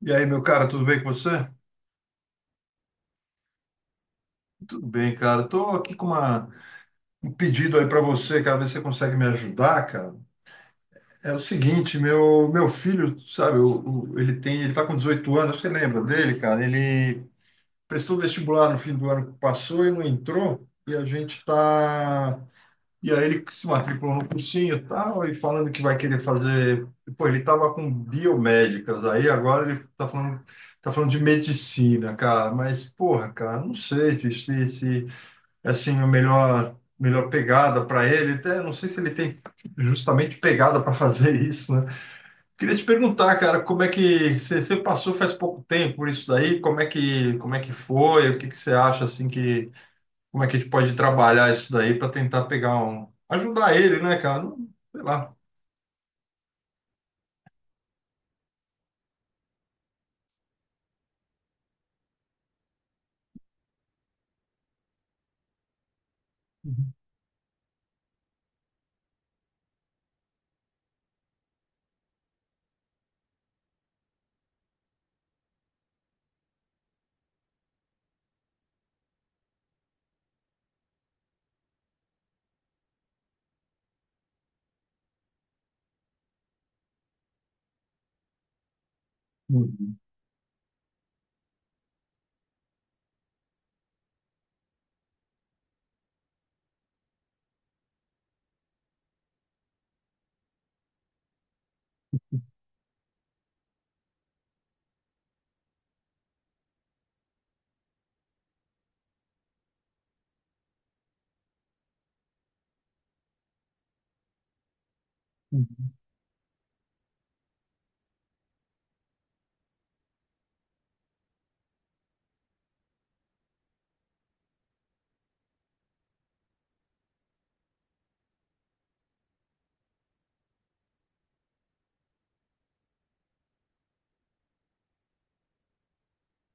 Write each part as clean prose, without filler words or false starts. E aí, meu cara, tudo bem com você? Tudo bem, cara. Tô aqui com um pedido aí para você, cara, ver se você consegue me ajudar, cara. É o seguinte, meu filho, sabe, ele tem, ele tá com 18 anos, você lembra dele, cara? Ele prestou vestibular no fim do ano que passou e não entrou, e a gente tá. E aí ele se matriculou no cursinho e tal, e falando que vai querer fazer. Pô, ele tava com biomédicas, aí agora ele tá falando de medicina, cara. Mas, porra, cara, não sei bicho, se é assim, a melhor pegada para ele. Até não sei se ele tem justamente pegada para fazer isso, né? Queria te perguntar, cara, como é que você passou faz pouco tempo por isso daí? Como é que foi? O que que você acha assim que como é que a gente pode trabalhar isso daí para tentar pegar um, ajudar ele, né, cara? Não sei lá. Uhum, uhum.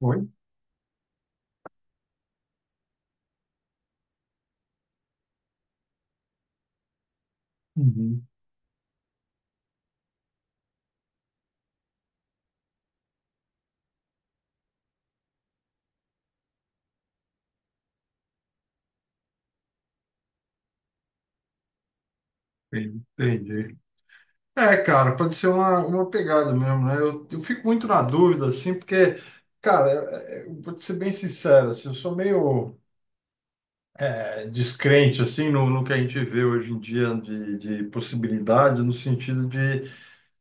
Oi? Uhum. Entendi, entendi. É, cara, pode ser uma pegada mesmo, né? Eu fico muito na dúvida, assim, porque, cara, eu vou te ser bem sincero, assim, eu sou meio é, descrente, assim, no que a gente vê hoje em dia de possibilidade, no sentido de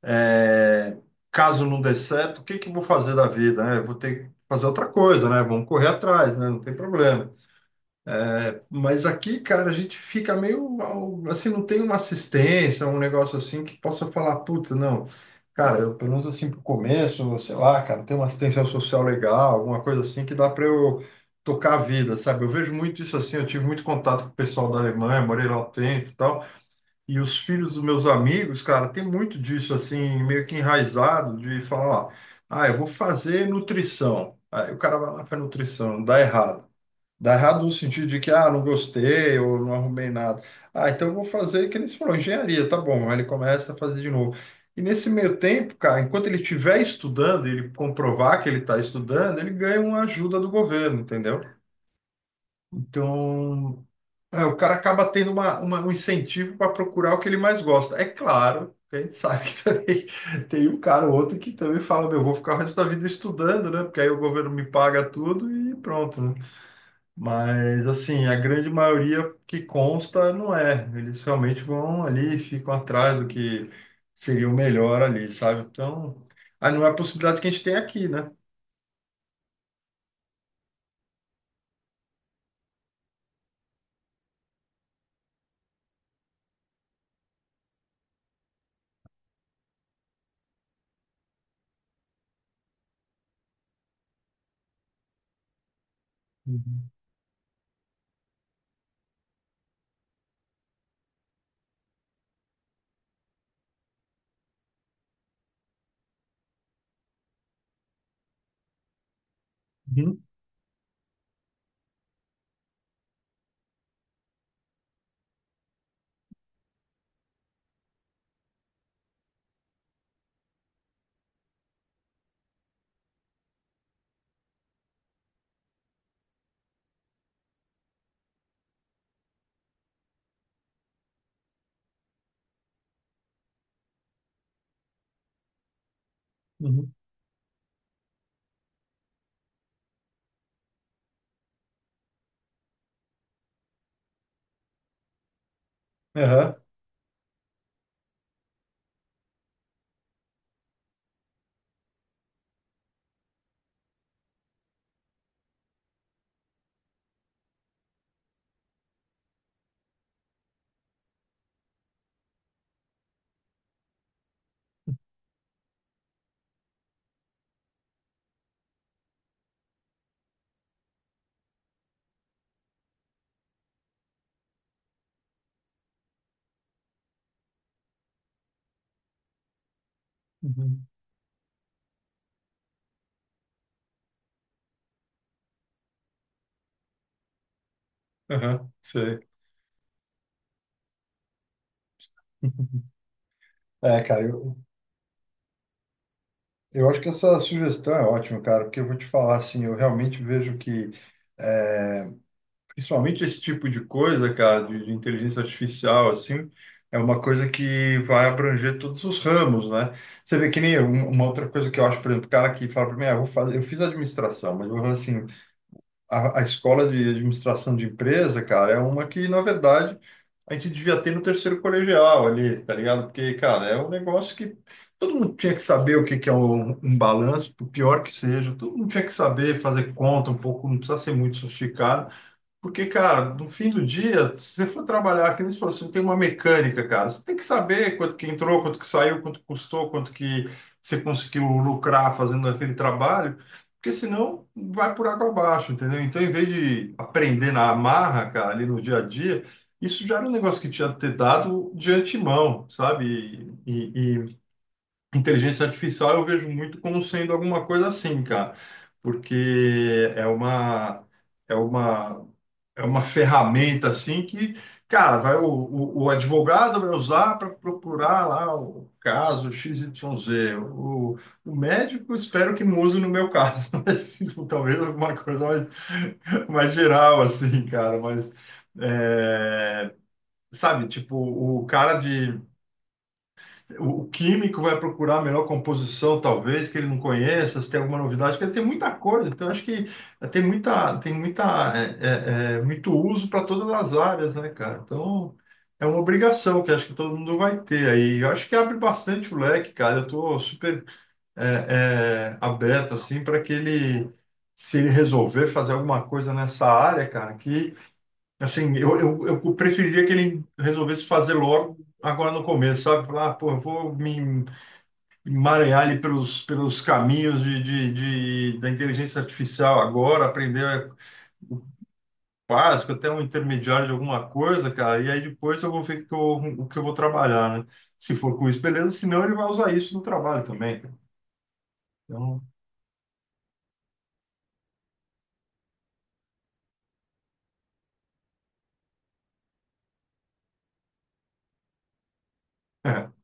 é, caso não dê certo, o que que eu vou fazer da vida, né? Eu vou ter que fazer outra coisa, né? Vamos correr atrás, né? Não tem problema. É, mas aqui, cara, a gente fica meio assim, não tem uma assistência, um negócio assim que possa falar, puta, não. Cara, eu, pelo menos assim pro começo, sei lá, cara, tem uma assistência social legal, alguma coisa assim que dá para eu tocar a vida, sabe? Eu vejo muito isso assim, eu tive muito contato com o pessoal da Alemanha, morei lá um tempo e tal. E os filhos dos meus amigos, cara, tem muito disso assim, meio que enraizado, de falar, ó, ah, eu vou fazer nutrição. Aí o cara vai lá e faz nutrição, dá errado. Dá errado no sentido de que, ah, não gostei ou não arrumei nada. Ah, então eu vou fazer, que eles falaram, engenharia, tá bom. Aí ele começa a fazer de novo. E nesse meio tempo, cara, enquanto ele estiver estudando, ele comprovar que ele está estudando, ele ganha uma ajuda do governo, entendeu? Então, é, o cara acaba tendo uma, um incentivo para procurar o que ele mais gosta. É claro, a gente sabe que também tem um cara ou outro que também fala, meu, eu vou ficar o resto da vida estudando, né? Porque aí o governo me paga tudo e pronto, né? Mas, assim, a grande maioria que consta não é. Eles realmente vão ali, ficam atrás do que seria o melhor ali, sabe? Então, aí não é a possibilidade que a gente tem aqui, né? Uhum, uhum, uhum, aham, uhum, aham, sei. É, cara, eu acho que essa sugestão é ótima, cara, porque eu vou te falar assim, eu realmente vejo que, principalmente esse tipo de coisa, cara, de inteligência artificial, assim, é uma coisa que vai abranger todos os ramos, né? Você vê que nem eu, uma outra coisa que eu acho, por exemplo, o cara que fala para mim, ah, eu vou fazer, eu fiz administração, mas eu vou assim, a escola de administração de empresa, cara, é uma que, na verdade, a gente devia ter no terceiro colegial ali, tá ligado? Porque, cara, é um negócio que todo mundo tinha que saber o que que é um, um balanço, por pior que seja, todo mundo tinha que saber fazer conta um pouco, não precisa ser muito sofisticado. Porque, cara, no fim do dia, se você for trabalhar, que nem se fosse, tem uma mecânica, cara. Você tem que saber quanto que entrou, quanto que saiu, quanto custou, quanto que você conseguiu lucrar fazendo aquele trabalho, porque senão vai por água abaixo, entendeu? Então, em vez de aprender na amarra, cara, ali no dia a dia, isso já era um negócio que tinha que ter dado de antemão, sabe? E inteligência artificial eu vejo muito como sendo alguma coisa assim, cara, porque é uma. É uma É uma ferramenta assim que, cara, vai o advogado vai usar para procurar lá o caso XYZ O, o médico, espero que não use no meu caso, mas tipo, talvez alguma coisa mais, mais geral, assim, cara. Mas, é, sabe, tipo, o cara de o químico vai procurar a melhor composição, talvez, que ele não conheça, se tem alguma novidade, porque tem muita coisa. Então, acho que tem muita, muito uso para todas as áreas, né, cara? Então, é uma obrigação que acho que todo mundo vai ter aí. Eu acho que abre bastante o leque, cara. Eu estou super aberto, assim, para que ele, se ele resolver fazer alguma coisa nessa área, cara, que assim, eu preferiria que ele resolvesse fazer logo agora no começo, sabe? Falar, ah, pô, eu vou me emaranhar ali pelos, pelos caminhos de, da inteligência artificial agora, aprender básico, até um intermediário de alguma coisa, cara, e aí depois eu vou ver o que eu vou trabalhar, né? Se for com isso, beleza, senão ele vai usar isso no trabalho também, cara. Então, é.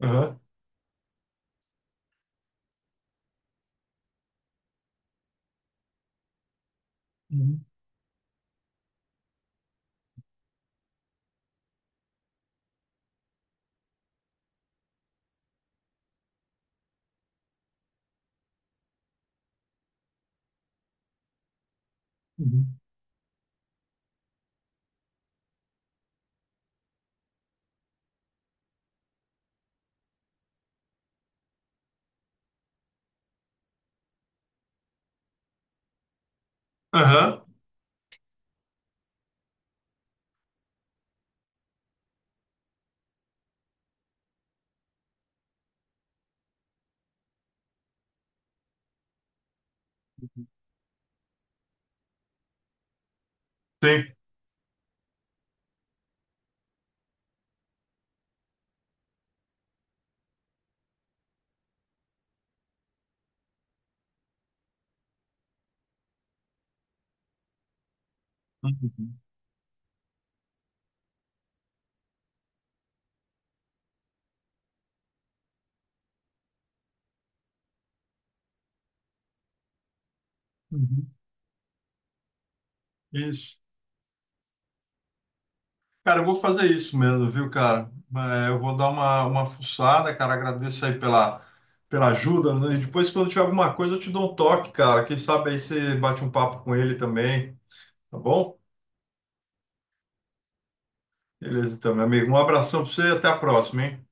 Aham. Uhum. Uhum. Aham. Sim. Uhum. Uhum. Isso. Cara, eu vou fazer isso mesmo, viu, cara? É, eu vou dar uma fuçada, cara. Agradeço aí pela, pela ajuda, né? E depois, quando tiver alguma coisa, eu te dou um toque, cara. Quem sabe aí você bate um papo com ele também, tá bom? Beleza, então, meu amigo. Um abração pra você e até a próxima, hein?